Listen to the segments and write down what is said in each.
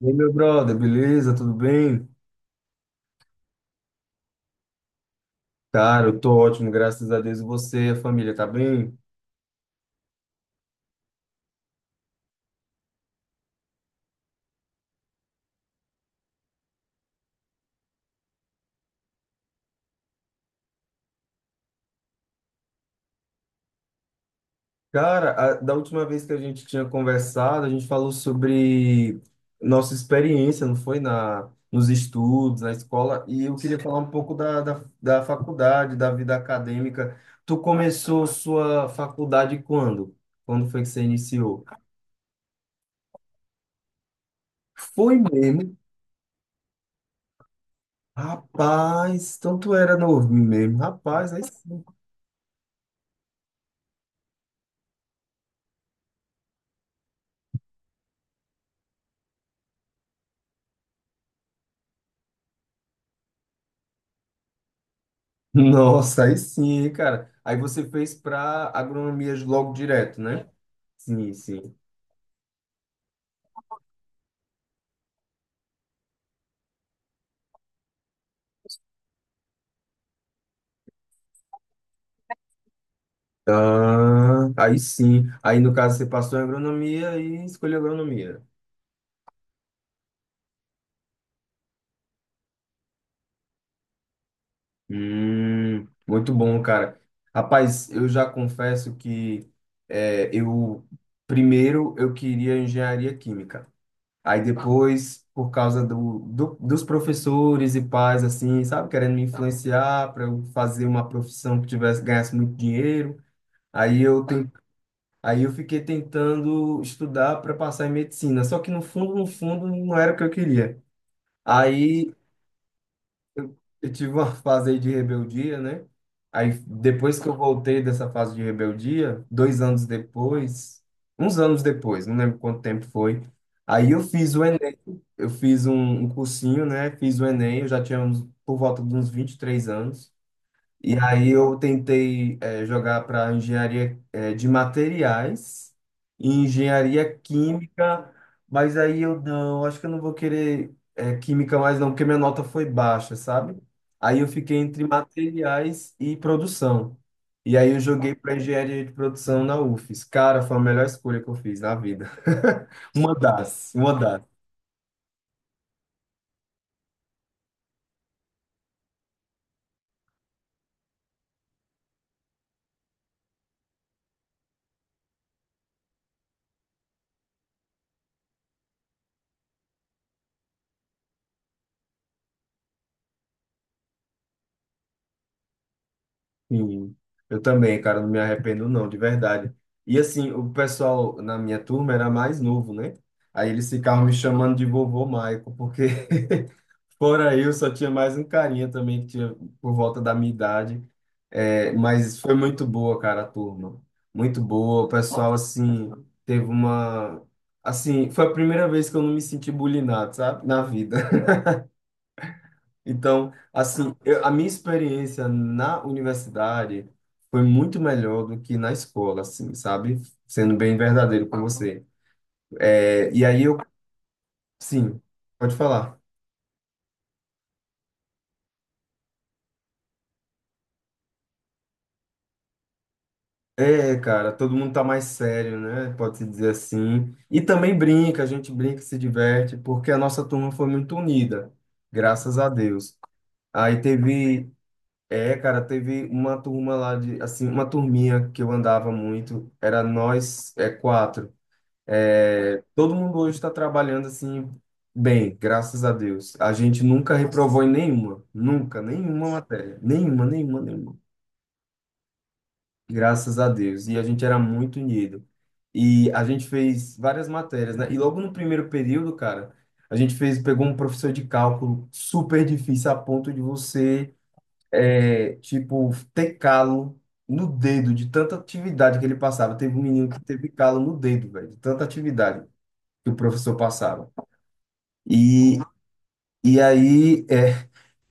E aí, meu brother, beleza? Tudo bem? Cara, eu tô ótimo, graças a Deus. E você, a família, tá bem? Cara, da última vez que a gente tinha conversado, a gente falou sobre nossa experiência, não foi? Nos estudos, na escola, e eu queria falar um pouco da faculdade, da vida acadêmica. Tu começou sua faculdade quando? Quando foi que você iniciou? Foi mesmo? Rapaz, então tu era novinho mesmo. Rapaz, aí. Nossa, aí sim, hein, cara. Aí você fez para agronomia logo direto, né? Sim, sim. Ah, aí sim. Aí no caso você passou em agronomia e escolheu agronomia. Muito bom, cara. Rapaz, eu já confesso que é, eu primeiro eu queria engenharia química. Aí depois, por causa dos professores e pais, assim, sabe, querendo me influenciar para eu fazer uma profissão que tivesse, ganhasse muito dinheiro. Aí eu, ten- aí eu fiquei tentando estudar para passar em medicina, só que no fundo, no fundo, não era o que eu queria. Aí eu tive uma fase aí de rebeldia, né? Aí depois que eu voltei dessa fase de rebeldia, 2 anos depois, uns anos depois, não lembro quanto tempo foi, aí eu fiz o Enem, eu fiz um cursinho, né? Fiz o Enem, eu já tinha por volta de uns 23 anos. E aí eu tentei jogar para engenharia de materiais e engenharia química, mas aí eu não, acho que eu não vou querer química mais não, porque minha nota foi baixa, sabe? Aí eu fiquei entre materiais e produção. E aí eu joguei para engenharia de produção na UFES. Cara, foi a melhor escolha que eu fiz na vida. Uma das, uma das. Sim, eu também, cara, não me arrependo não, de verdade. E assim, o pessoal na minha turma era mais novo, né? Aí eles ficavam me chamando de vovô Maico, porque fora eu só tinha mais um carinha também que tinha por volta da minha idade. É, mas foi muito boa, cara, a turma. Muito boa. O pessoal, assim, teve uma. Assim, foi a primeira vez que eu não me senti bulinado, sabe? Na vida. Então, assim, a minha experiência na universidade foi muito melhor do que na escola, assim, sabe? Sendo bem verdadeiro com você. É, e aí eu, sim, pode falar. É, cara, todo mundo tá mais sério, né? Pode-se dizer assim. E também brinca, a gente brinca, se diverte, porque a nossa turma foi muito unida, graças a Deus. Aí, cara, teve uma turma lá de, assim, uma turminha que eu andava muito, era nós, quatro. É, todo mundo hoje está trabalhando assim bem, graças a Deus. A gente nunca reprovou em nenhuma, nunca, nenhuma matéria, nenhuma, nenhuma, nenhuma. Graças a Deus. E a gente era muito unido. E a gente fez várias matérias, né? E logo no primeiro período, cara, a gente pegou um professor de cálculo super difícil a ponto de você, tipo, ter calo no dedo de tanta atividade que ele passava. Teve um menino que teve calo no dedo, velho, de tanta atividade que o professor passava. E, e aí,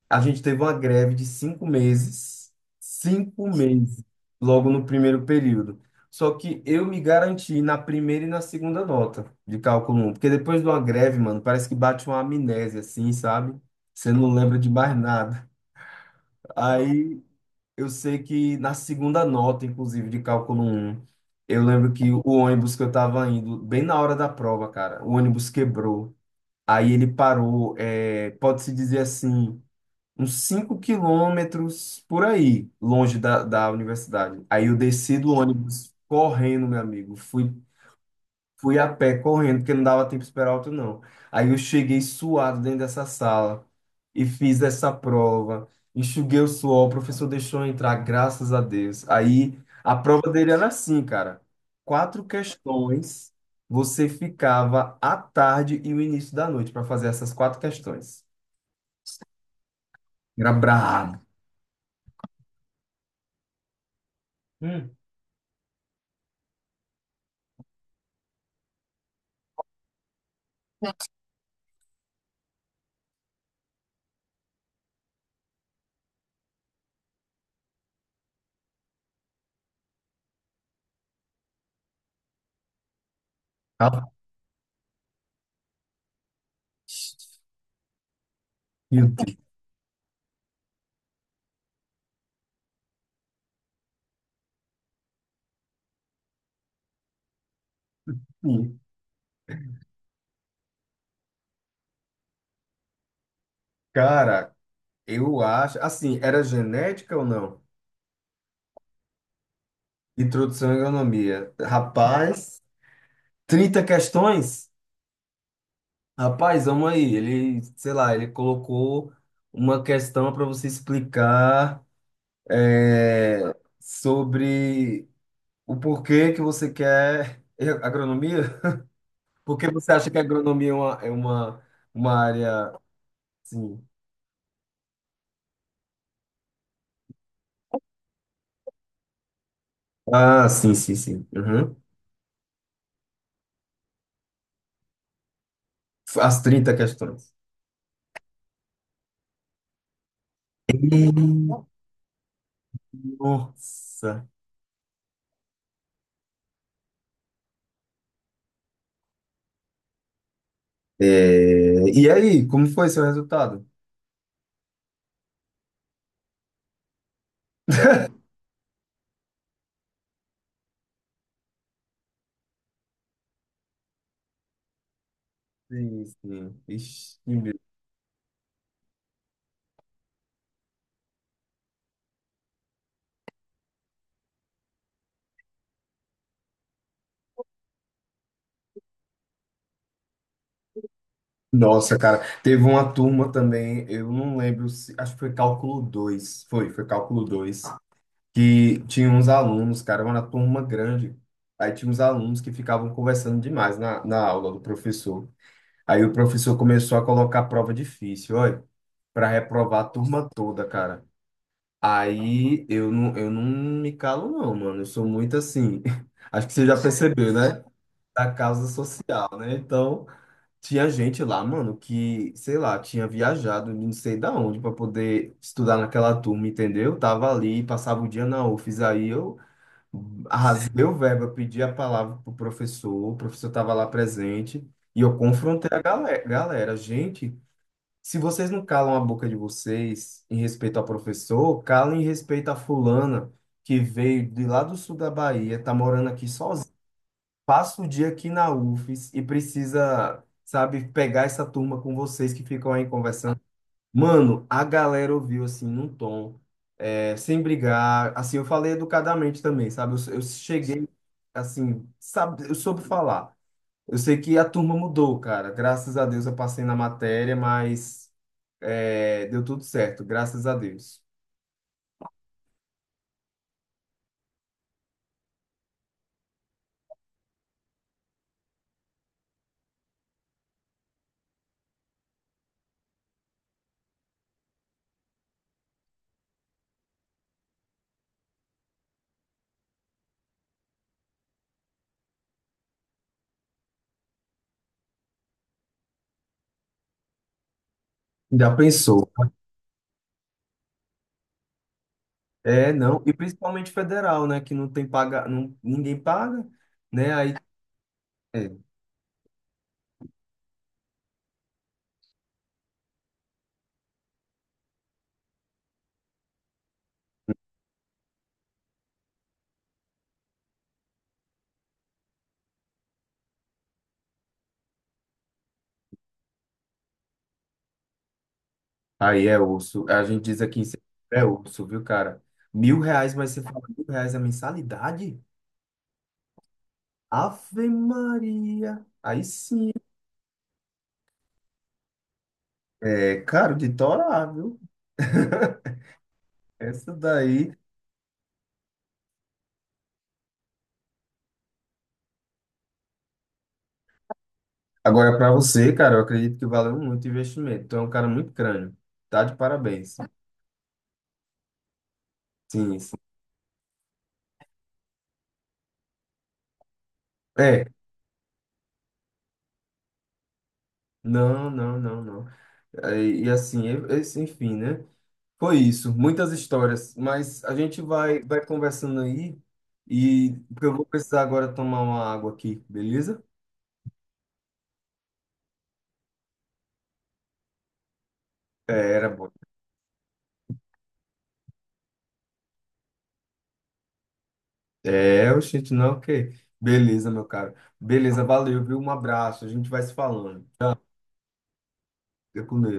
a gente teve uma greve de 5 meses, 5 meses, logo no primeiro período. Só que eu me garanti na primeira e na segunda nota de cálculo um, porque depois de uma greve, mano, parece que bate uma amnésia, assim, sabe? Você não lembra de mais nada. Aí eu sei que na segunda nota, inclusive, de cálculo um, eu lembro que o ônibus que eu tava indo, bem na hora da prova, cara, o ônibus quebrou. Aí ele parou, pode-se dizer assim, uns 5 quilômetros por aí, longe da universidade. Aí eu desci do ônibus correndo, meu amigo. Fui a pé correndo, porque não dava tempo de esperar outro, não. Aí eu cheguei suado dentro dessa sala e fiz essa prova. Enxuguei o suor, o professor deixou eu entrar, graças a Deus. Aí a prova dele era assim, cara. Quatro questões, você ficava à tarde e o início da noite para fazer essas quatro questões. Era brabo. Hum. Ah, meu Deus. Sim. Cara, eu acho. Assim, era genética ou não? Introdução à agronomia. Rapaz. 30 questões? Rapaz, vamos aí. Ele, sei lá, ele colocou uma questão para você explicar é, sobre o porquê que você quer agronomia. Por que você acha que a agronomia é uma área. Sim. Ah, sim, sim, sim. Uhum. As 30 questões. Hum. Nossa. E aí, como foi seu resultado? Sim, sim. Ixi. Nossa, cara, teve uma turma também, eu não lembro se, acho que foi cálculo 2. Foi cálculo dois que tinha uns alunos, cara, era uma turma grande, aí tinha uns alunos que ficavam conversando demais na aula do professor. Aí o professor começou a colocar prova difícil, olha, para reprovar a turma toda, cara. Aí eu não me calo não, mano, eu sou muito assim, acho que você já percebeu, né? Da causa social, né? Então... Tinha gente lá, mano, que, sei lá, tinha viajado de não sei da onde para poder estudar naquela turma, entendeu? Tava ali, passava o dia na UFES, aí eu arrasei o verbo, eu pedi a palavra pro professor, o professor tava lá presente, e eu confrontei a galera, galera, gente, se vocês não calam a boca de vocês em respeito ao professor, calem em respeito a fulana que veio de lá do sul da Bahia, tá morando aqui passa o dia aqui na UFES e precisa, sabe, pegar essa turma com vocês que ficam aí conversando. Mano, a galera ouviu assim, num tom, sem brigar. Assim, eu falei educadamente também, sabe? Eu cheguei, assim, sabe, eu soube falar. Eu sei que a turma mudou, cara. Graças a Deus eu passei na matéria, mas deu tudo certo, graças a Deus. Já pensou? É, não. E principalmente federal, né? Que não tem paga, não, ninguém paga, né? Aí. é, Aí é osso. A gente diz aqui em Sergipe, é osso, viu, cara? R$ 1.000, mas você fala R$ 1.000 a mensalidade? Ave Maria. Aí sim. É caro de torar, viu? Essa daí. Agora, pra você, cara, eu acredito que valeu muito o investimento. Tu é um cara muito crânio. Tá de parabéns. Sim, sim. É. Não, não, não, não. E assim, enfim, né? Foi isso, muitas histórias, mas a gente vai conversando aí e porque eu vou precisar agora tomar uma água aqui, beleza? É, era bom. É, o gente não, ok. Beleza, meu caro. Beleza, valeu, viu? Um abraço, a gente vai se falando. Fica com Deus.